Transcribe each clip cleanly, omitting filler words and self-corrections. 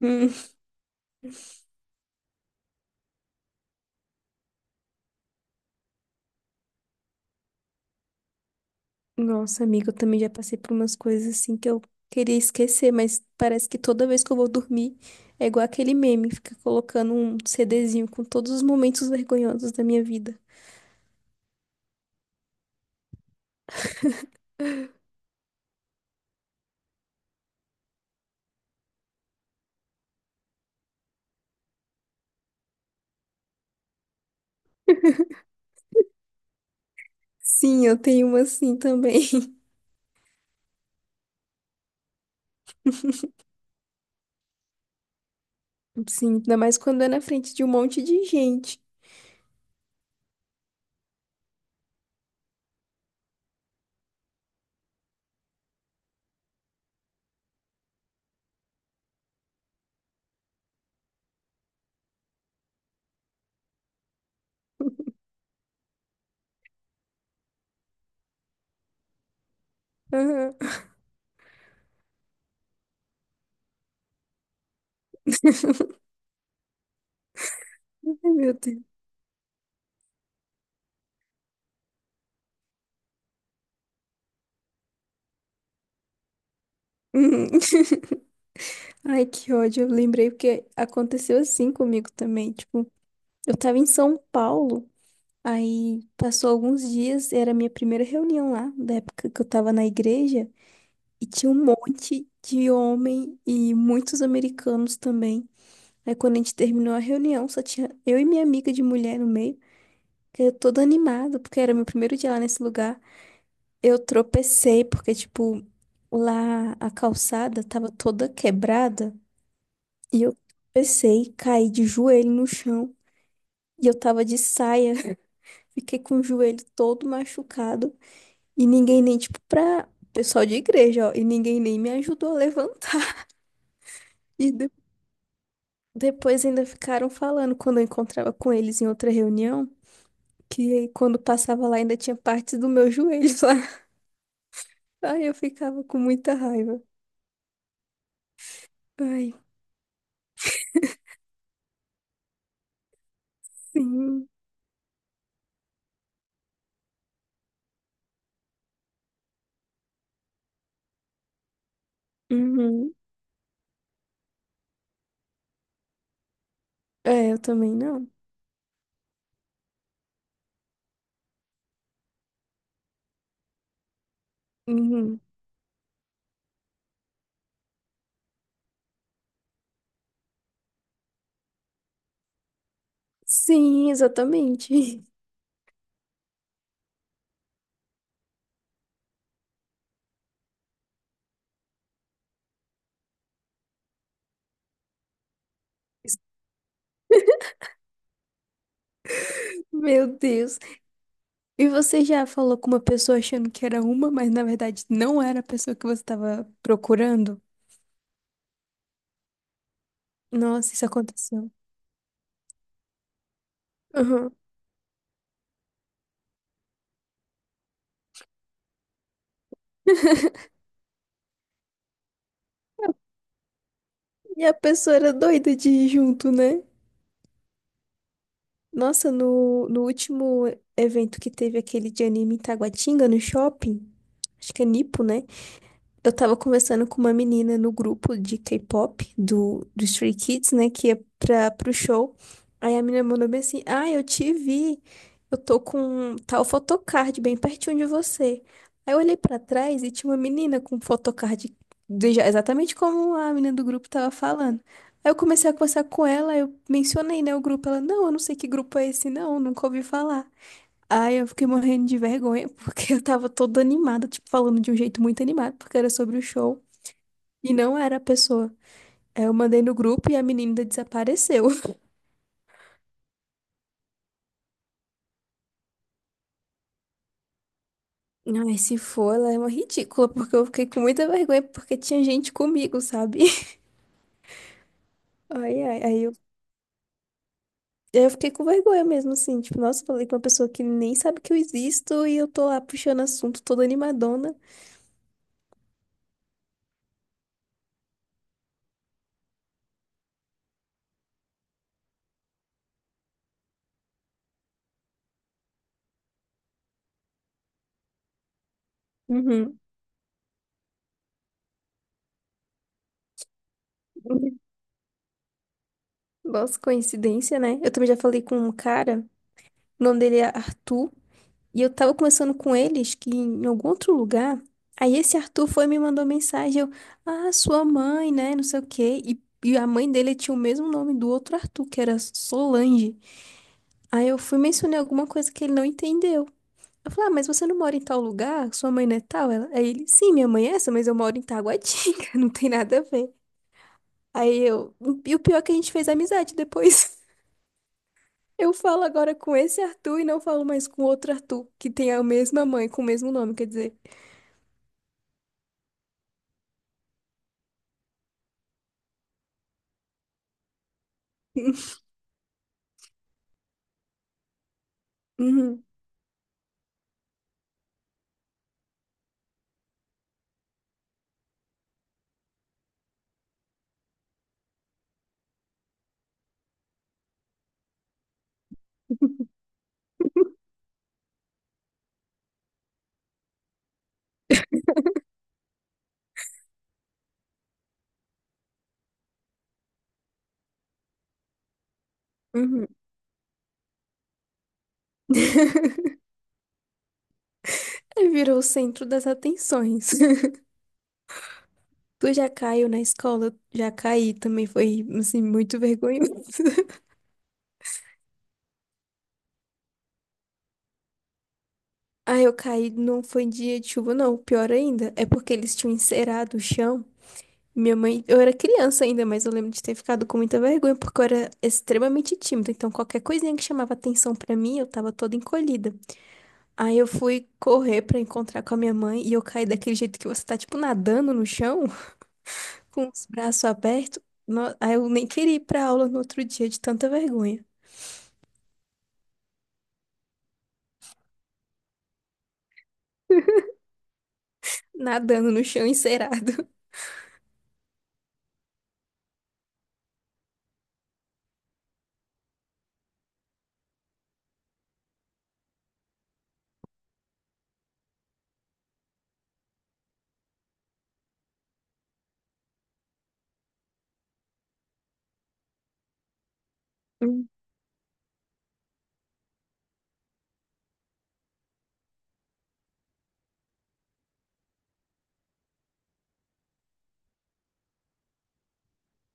Hum. Nossa, amiga, eu também já passei por umas coisas assim que eu queria esquecer, mas parece que toda vez que eu vou dormir é igual aquele meme, fica colocando um CDzinho com todos os momentos vergonhosos da minha vida. Sim, eu tenho uma assim também. Sim, ainda mais quando é na frente de um monte de gente. Aham. Ai, meu Deus. Uhum. Ai, que ódio. Eu lembrei porque aconteceu assim comigo também. Tipo, eu tava em São Paulo. Aí passou alguns dias, era a minha primeira reunião lá, da época que eu tava na igreja, e tinha um monte de homem e muitos americanos também. Aí quando a gente terminou a reunião, só tinha eu e minha amiga de mulher no meio, que eu toda animada, porque era meu primeiro dia lá nesse lugar. Eu tropecei, porque, tipo, lá a calçada tava toda quebrada, e eu tropecei, caí de joelho no chão, e eu tava de saia, fiquei com o joelho todo machucado. E ninguém nem, tipo, pra pessoal de igreja, ó. E ninguém nem me ajudou a levantar. E depois ainda ficaram falando quando eu encontrava com eles em outra reunião, que quando passava lá ainda tinha partes do meu joelho lá. Ai, eu ficava com muita raiva. Ai, sim. Uhum. É, eu também não. Uhum. Sim, exatamente. Meu Deus. E você já falou com uma pessoa achando que era uma, mas na verdade não era a pessoa que você estava procurando? Nossa, isso aconteceu. Aham. E a pessoa era doida de ir junto, né? Nossa, no último evento que teve aquele de anime em Taguatinga, no shopping, acho que é Nipo, né? Eu tava conversando com uma menina no grupo de K-pop do Stray Kids, né? Que é pro show. Aí a menina mandou bem assim: Ah, eu te vi. Eu tô com tal photocard bem pertinho de você. Aí eu olhei pra trás e tinha uma menina com photocard exatamente como a menina do grupo tava falando. Aí eu comecei a conversar com ela, eu mencionei, né, o grupo. Ela, não, eu não sei que grupo é esse, não, nunca ouvi falar. Ai, eu fiquei morrendo de vergonha, porque eu tava toda animada, tipo, falando de um jeito muito animado, porque era sobre o show. E não era a pessoa. Aí eu mandei no grupo e a menina desapareceu. Ai, se for, ela é uma ridícula, porque eu fiquei com muita vergonha, porque tinha gente comigo, sabe? Ai, ai, aí eu fiquei com vergonha mesmo, assim, tipo, nossa, falei com uma pessoa que nem sabe que eu existo e eu tô lá puxando assunto toda animadona. Uhum. Nossa, coincidência, né? Eu também já falei com um cara, o nome dele é Arthur. E eu tava conversando com eles que em algum outro lugar, aí esse Arthur foi e me mandou mensagem, eu, ah, sua mãe, né, não sei o quê. E a mãe dele tinha o mesmo nome do outro Arthur, que era Solange. Aí eu fui mencionar alguma coisa que ele não entendeu. Eu falei, ah, mas você não mora em tal lugar? Sua mãe não é tal? Ela, aí ele, sim, minha mãe é essa, mas eu moro em Taguatinga, não tem nada a ver. Aí eu, e o pior é que a gente fez amizade depois. Eu falo agora com esse Arthur e não falo mais com outro Arthur, que tem a mesma mãe, com o mesmo nome, quer dizer. Uhum. Uhum. Virou o centro das atenções. Tu já caiu na escola? Já caí também, foi assim, muito vergonhoso. Ah, eu caí, não foi dia de chuva, não. Pior ainda, é porque eles tinham encerado o chão. Minha mãe, eu era criança ainda, mas eu lembro de ter ficado com muita vergonha, porque eu era extremamente tímida. Então, qualquer coisinha que chamava atenção pra mim, eu tava toda encolhida. Aí eu fui correr pra encontrar com a minha mãe e eu caí daquele jeito que você tá, tipo, nadando no chão, com os braços abertos. Aí eu nem queria ir pra aula no outro dia de tanta vergonha. Nadando no chão encerado. Hum.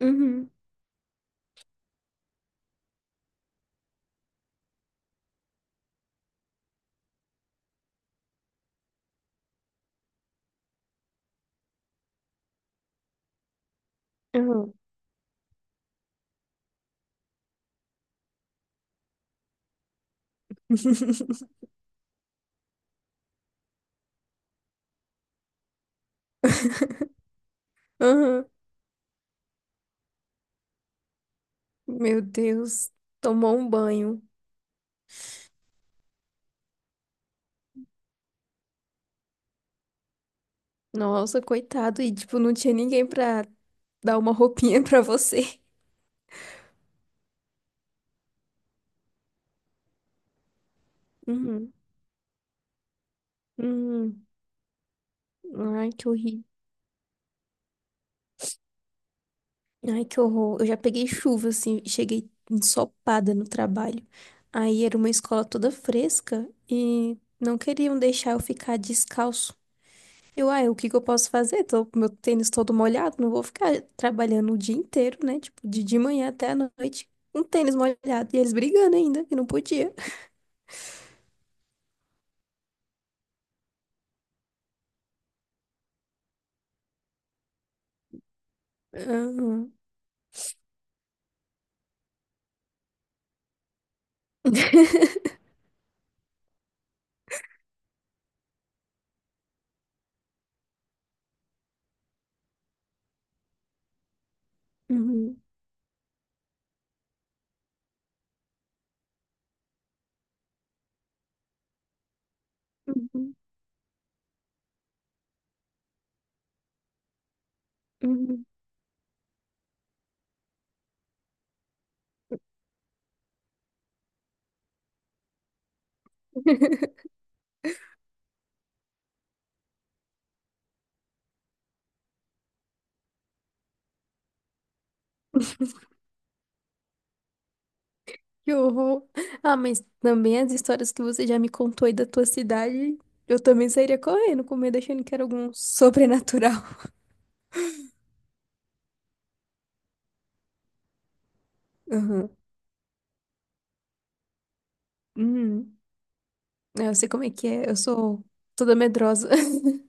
Uhum. Uhum. Uhum. Aham. Meu Deus, tomou um banho. Nossa, coitado. E tipo, não tinha ninguém pra dar uma roupinha pra você. Uhum. Uhum. Ai, que horrível. Ai, que horror. Eu já peguei chuva, assim, e cheguei ensopada no trabalho. Aí era uma escola toda fresca e não queriam deixar eu ficar descalço. Eu, ai, o que que eu posso fazer? Tô com meu tênis todo molhado, não vou ficar trabalhando o dia inteiro, né? Tipo, de manhã até a noite, um tênis molhado. E eles brigando ainda, que não podia. Aham. Uhum. Uhum. Uhum. Que horror. Ah, mas também as histórias que você já me contou aí da tua cidade, eu também sairia correndo, com medo, achando que era algum sobrenatural. Uhum. Uhum. É, eu sei como é que é, eu sou toda medrosa.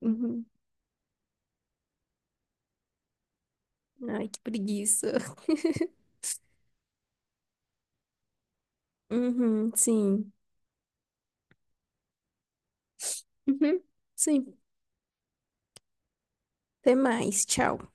Uhum. Ai, que preguiça. Uhum, sim. Uhum, sim. Até mais, tchau.